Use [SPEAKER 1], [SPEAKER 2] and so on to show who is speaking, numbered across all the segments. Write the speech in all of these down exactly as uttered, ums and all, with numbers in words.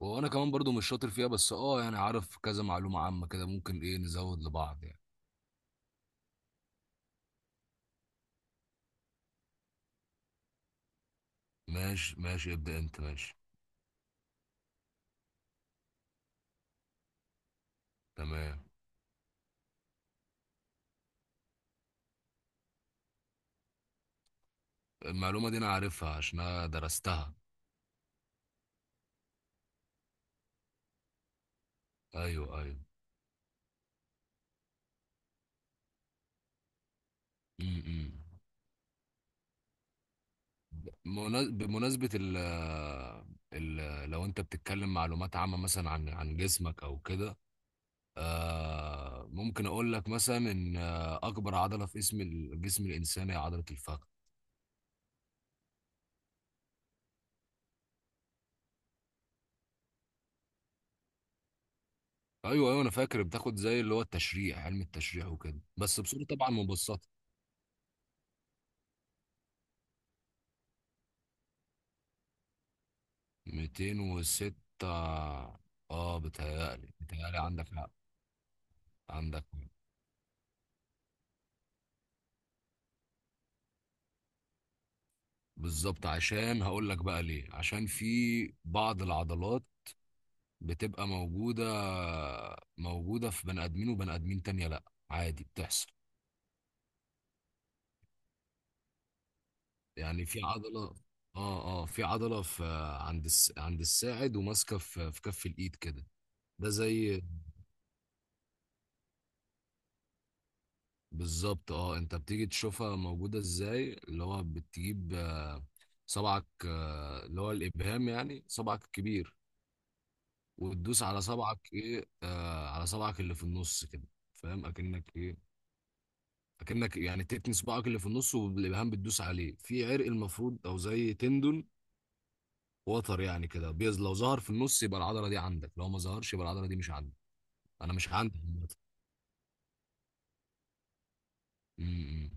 [SPEAKER 1] وانا كمان برضو مش شاطر فيها بس اه يعني عارف كذا معلومة عامة كده ممكن ايه نزود لبعض يعني. ماشي ماشي، ابدأ انت. ماشي. تمام. المعلومة دي انا عارفها عشان انا درستها. ايوه، ايوه. امم. بمناس- بمناسبة ال ال لو انت بتتكلم معلومات عامة مثلا عن عن جسمك او كده. آه ممكن اقول لك مثلا ان، آه، اكبر عضلة في اسم الجسم الانساني هي عضلة الفخذ. ايوه، ايوه، انا فاكر بتاخد زي اللي هو التشريح، علم التشريح، وكده بس بصوره طبعا مبسطه. ميتين وستة. اه، بتهيألي بتهيألي عندك حق. عندك حق. بالظبط، عشان هقول لك بقى ليه. عشان في بعض العضلات بتبقى موجوده، موجوده في بني ادمين، وبني ادمين تانية لا. عادي بتحصل. يعني في عضله، اه اه في عضله في عند الس... عند الساعد وماسكه في في كف الايد كده. ده زي. بالظبط. اه انت بتيجي تشوفها موجودة ازاي، اللي هو بتجيب، آه، صبعك، آه، اللي هو الابهام، يعني صبعك الكبير. وتدوس على صبعك ايه آه على صبعك اللي في النص كده. فاهم، اكنك ايه اكنك يعني تتني صباعك اللي في النص، والابهام بتدوس عليه في عرق المفروض، او زي تندون، وتر يعني كده. بيز لو ظهر في النص يبقى العضلة دي عندك، لو ما ظهرش يبقى العضلة دي مش عندك. انا مش عندي عامة. م- م.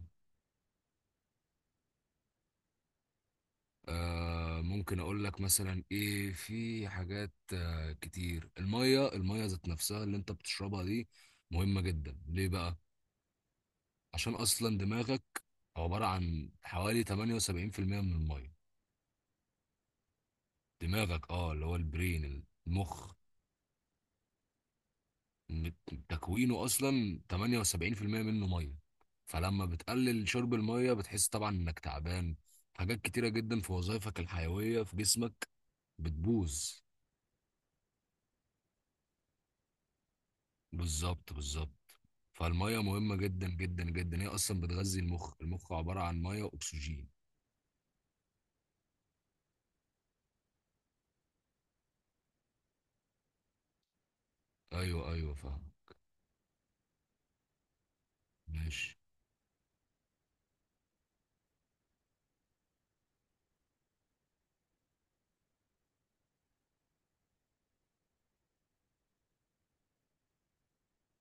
[SPEAKER 1] آه ممكن اقول لك مثلا ايه في حاجات، آه كتير. الميه، الميه ذات نفسها اللي انت بتشربها دي، مهمة جدا. ليه بقى؟ عشان اصلا دماغك عبارة عن حوالي تمانية وسبعين في المية من الميه. دماغك، اه اللي هو البرين، المخ. م- تكوينه اصلا تمانية وسبعين في المية منه ميه. فلما بتقلل شرب الميه، بتحس طبعا انك تعبان. حاجات كتيرة جدا في وظائفك الحيوية في جسمك بتبوظ. بالظبط، بالظبط. فالميه مهمه جدا، جدا، جدا. هي اصلا بتغذي المخ. المخ عباره عن ميه واكسجين. ايوه، ايوه، فاهم. ماشي.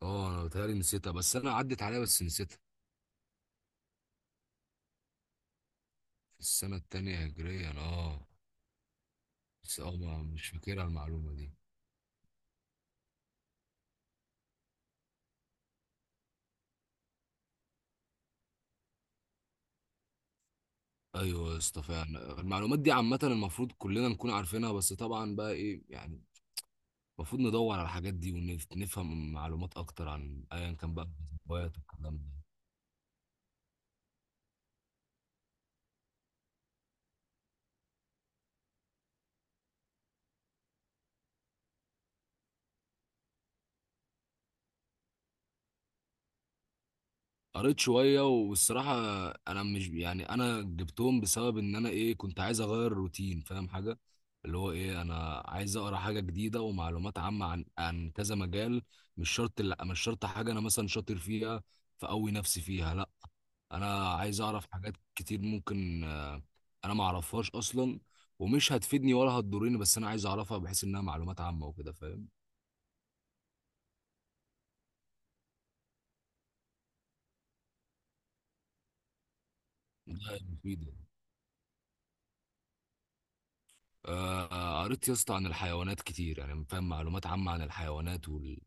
[SPEAKER 1] اه، انا بتهيألي نسيتها، بس انا عدت عليها بس نسيتها. في السنه التانية هجريا، اه. بس اه ما- مش فاكرها المعلومه دي. ايوه يا اسطى، فعلا المعلومات دي عامه، المفروض كلنا نكون عارفينها، بس طبعا بقى ايه يعني. المفروض ندور على الحاجات دي ونفهم معلومات اكتر عن ايا كان بقى. الهوايات والكلام ده. قريت شوية، والصراحة أنا مش يعني أنا جبتهم بسبب إن أنا، إيه كنت عايز أغير الروتين، فاهم حاجة، اللي هو، إيه أنا عايز أقرأ حاجة جديدة ومعلومات عامة عن عن كذا مجال. مش شرط، لا مش شرط حاجة أنا مثلا شاطر فيها فأقوي نفسي فيها، لا. أنا عايز أعرف حاجات كتير ممكن. آه، أنا معرفهاش أصلا، ومش هتفيدني ولا هتضرني، بس أنا عايز أعرفها بحيث إنها معلومات عامة وكده، فاهم. ده مفيد. آه، قريت يا اسطى عن الحيوانات كتير، يعني فاهم، معلومات عامة عن الحيوانات وال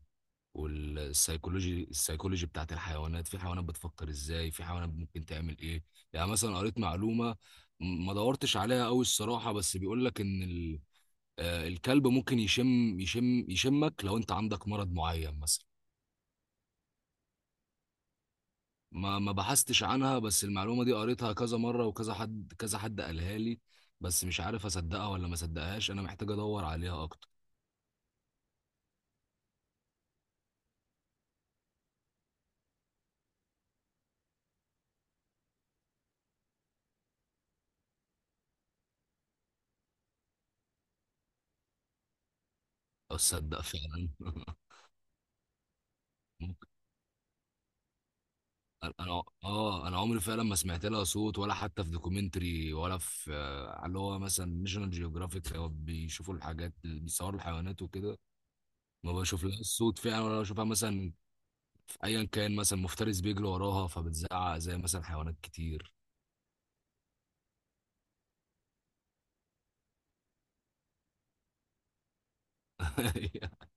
[SPEAKER 1] والسيكولوجي السيكولوجي بتاعت الحيوانات. في حيوانات بتفكر ازاي، في حيوانات ممكن تعمل ايه. يعني مثلا قريت معلومة، م- ما دورتش عليها قوي الصراحة، بس بيقول لك ان ال... آه، الكلب ممكن يشم يشم يشمك لو انت عندك مرض معين مثلا. ما ما بحثتش عنها، بس المعلومة دي قريتها كذا مرة، وكذا حد، كذا حد قالها لي، بس مش عارف اصدقها ولا ما اصدقهاش. انا محتاج ادور عليها اكتر، او اصدق فعلا. ممكن. انا أنا- اه انا عمري فعلا ما سمعت لها صوت، ولا حتى في دوكيومنتري، ولا في، آه، على اللي هو مثلا ناشونال جيوغرافيك، او بيشوفوا الحاجات اللي بيصوروا الحيوانات وكده. ما بشوف لها الصوت فعلا، ولا بشوفها مثلا في ايا كان، مثلا مفترس بيجري وراها فبتزعق زي مثلا حيوانات كتير.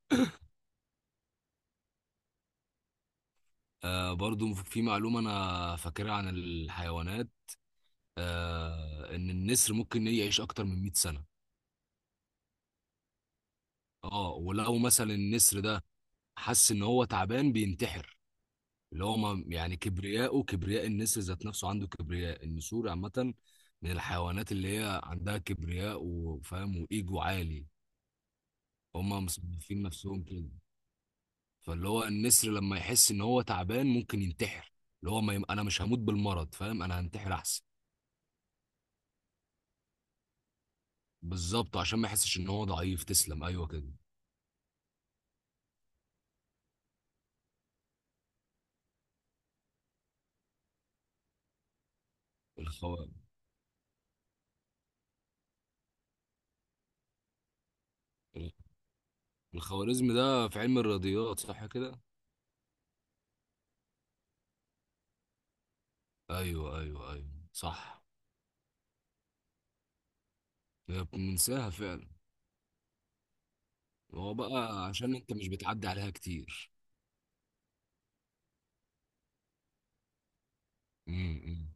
[SPEAKER 1] آه برضو في معلومة انا فاكرها عن الحيوانات. آه ان النسر ممكن يعيش اكتر من مائة سنة. اه ولو مثلا النسر ده حس ان هو تعبان، بينتحر. اللي هو ما- يعني كبرياءه، كبرياء النسر ذات نفسه، عنده كبرياء، النسور عامة من الحيوانات اللي هي عندها كبرياء وفاهم، وإيجو عالي. هما مصنفين نفسهم كده. فاللي هو النسر لما يحس إن هو تعبان، ممكن ينتحر. اللي هو ما يم... أنا مش هموت بالمرض، فاهم، أنا هنتحر أحسن. بالظبط، عشان ما يحسش إن هو ضعيف. تسلم. أيوه كده. الخو... الخوارزمي ده في علم الرياضيات، صح كده؟ أيوه، أيوه، أيوه، صح. هي بننساها فعلا. هو بقى عشان انت مش بتعدي عليها كتير. امم.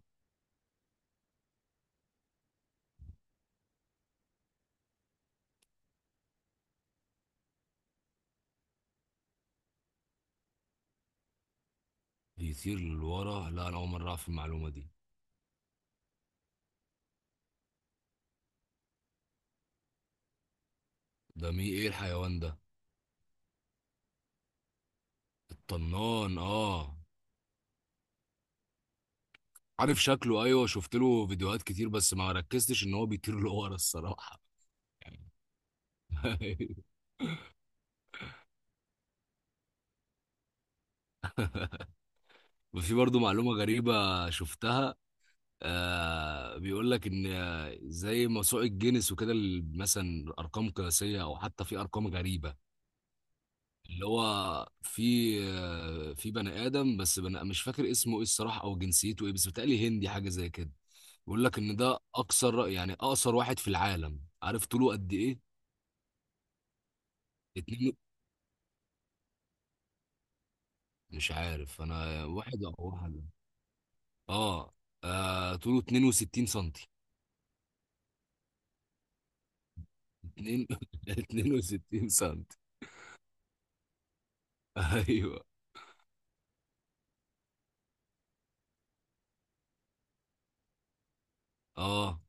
[SPEAKER 1] بيطير لورا؟ لا، انا اول مره اعرف المعلومه دي. ده مي ايه الحيوان ده؟ الطنان، اه. عارف شكله، ايوه، شفت له فيديوهات كتير، بس ما ركزتش ان هو بيطير لورا الصراحه. وفي برضو معلومه غريبه شفتها. آه بيقول لك ان، زي موسوعه جينيس وكده، ال- مثلا ارقام قياسيه، او حتى في ارقام غريبه. اللي هو في آه، في بني ادم، بس بني مش فاكر اسمه ايه الصراحه، او جنسيته ايه، بس بيتهيألي هندي، حاجه زي كده. بيقول لك ان ده اقصر، يعني اقصر واحد في العالم. عارف طوله قد ايه؟ اتنين. مش عارف انا واحد او واحد. اه, آه طوله اتنين وستين سنتي. اتنين. اتنين وستين سنتي. ايوه. اه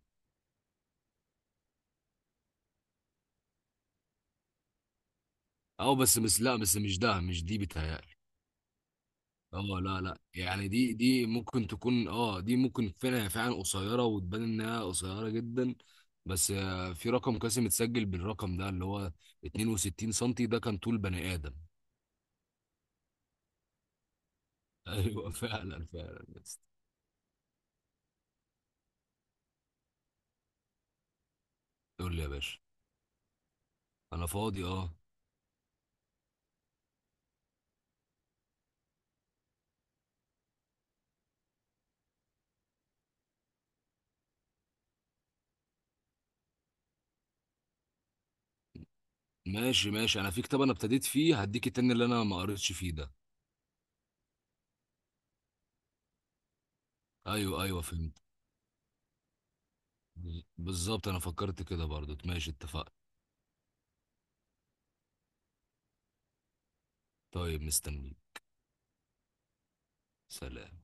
[SPEAKER 1] اه بس مش، لا بس مش ده، مش دي بتهيألي. اه، لا لا، يعني دي دي ممكن تكون، اه دي ممكن فعلا، فعلا قصيره، وتبان انها قصيره جدا. بس آه، في رقم قاسم اتسجل بالرقم ده اللي هو اتنين وستين سنتي، ده كان طول بني ادم. ايوه فعلا، فعلا بس. قول لي يا باشا. انا فاضي، اه. ماشي، ماشي، انا في كتاب انا ابتديت فيه، هديك التاني اللي انا ما قريتش فيه ده. ايوه، ايوه، فهمت. بالظبط، انا فكرت كده برضو. ماشي، اتفقنا. طيب، مستنيك. سلام.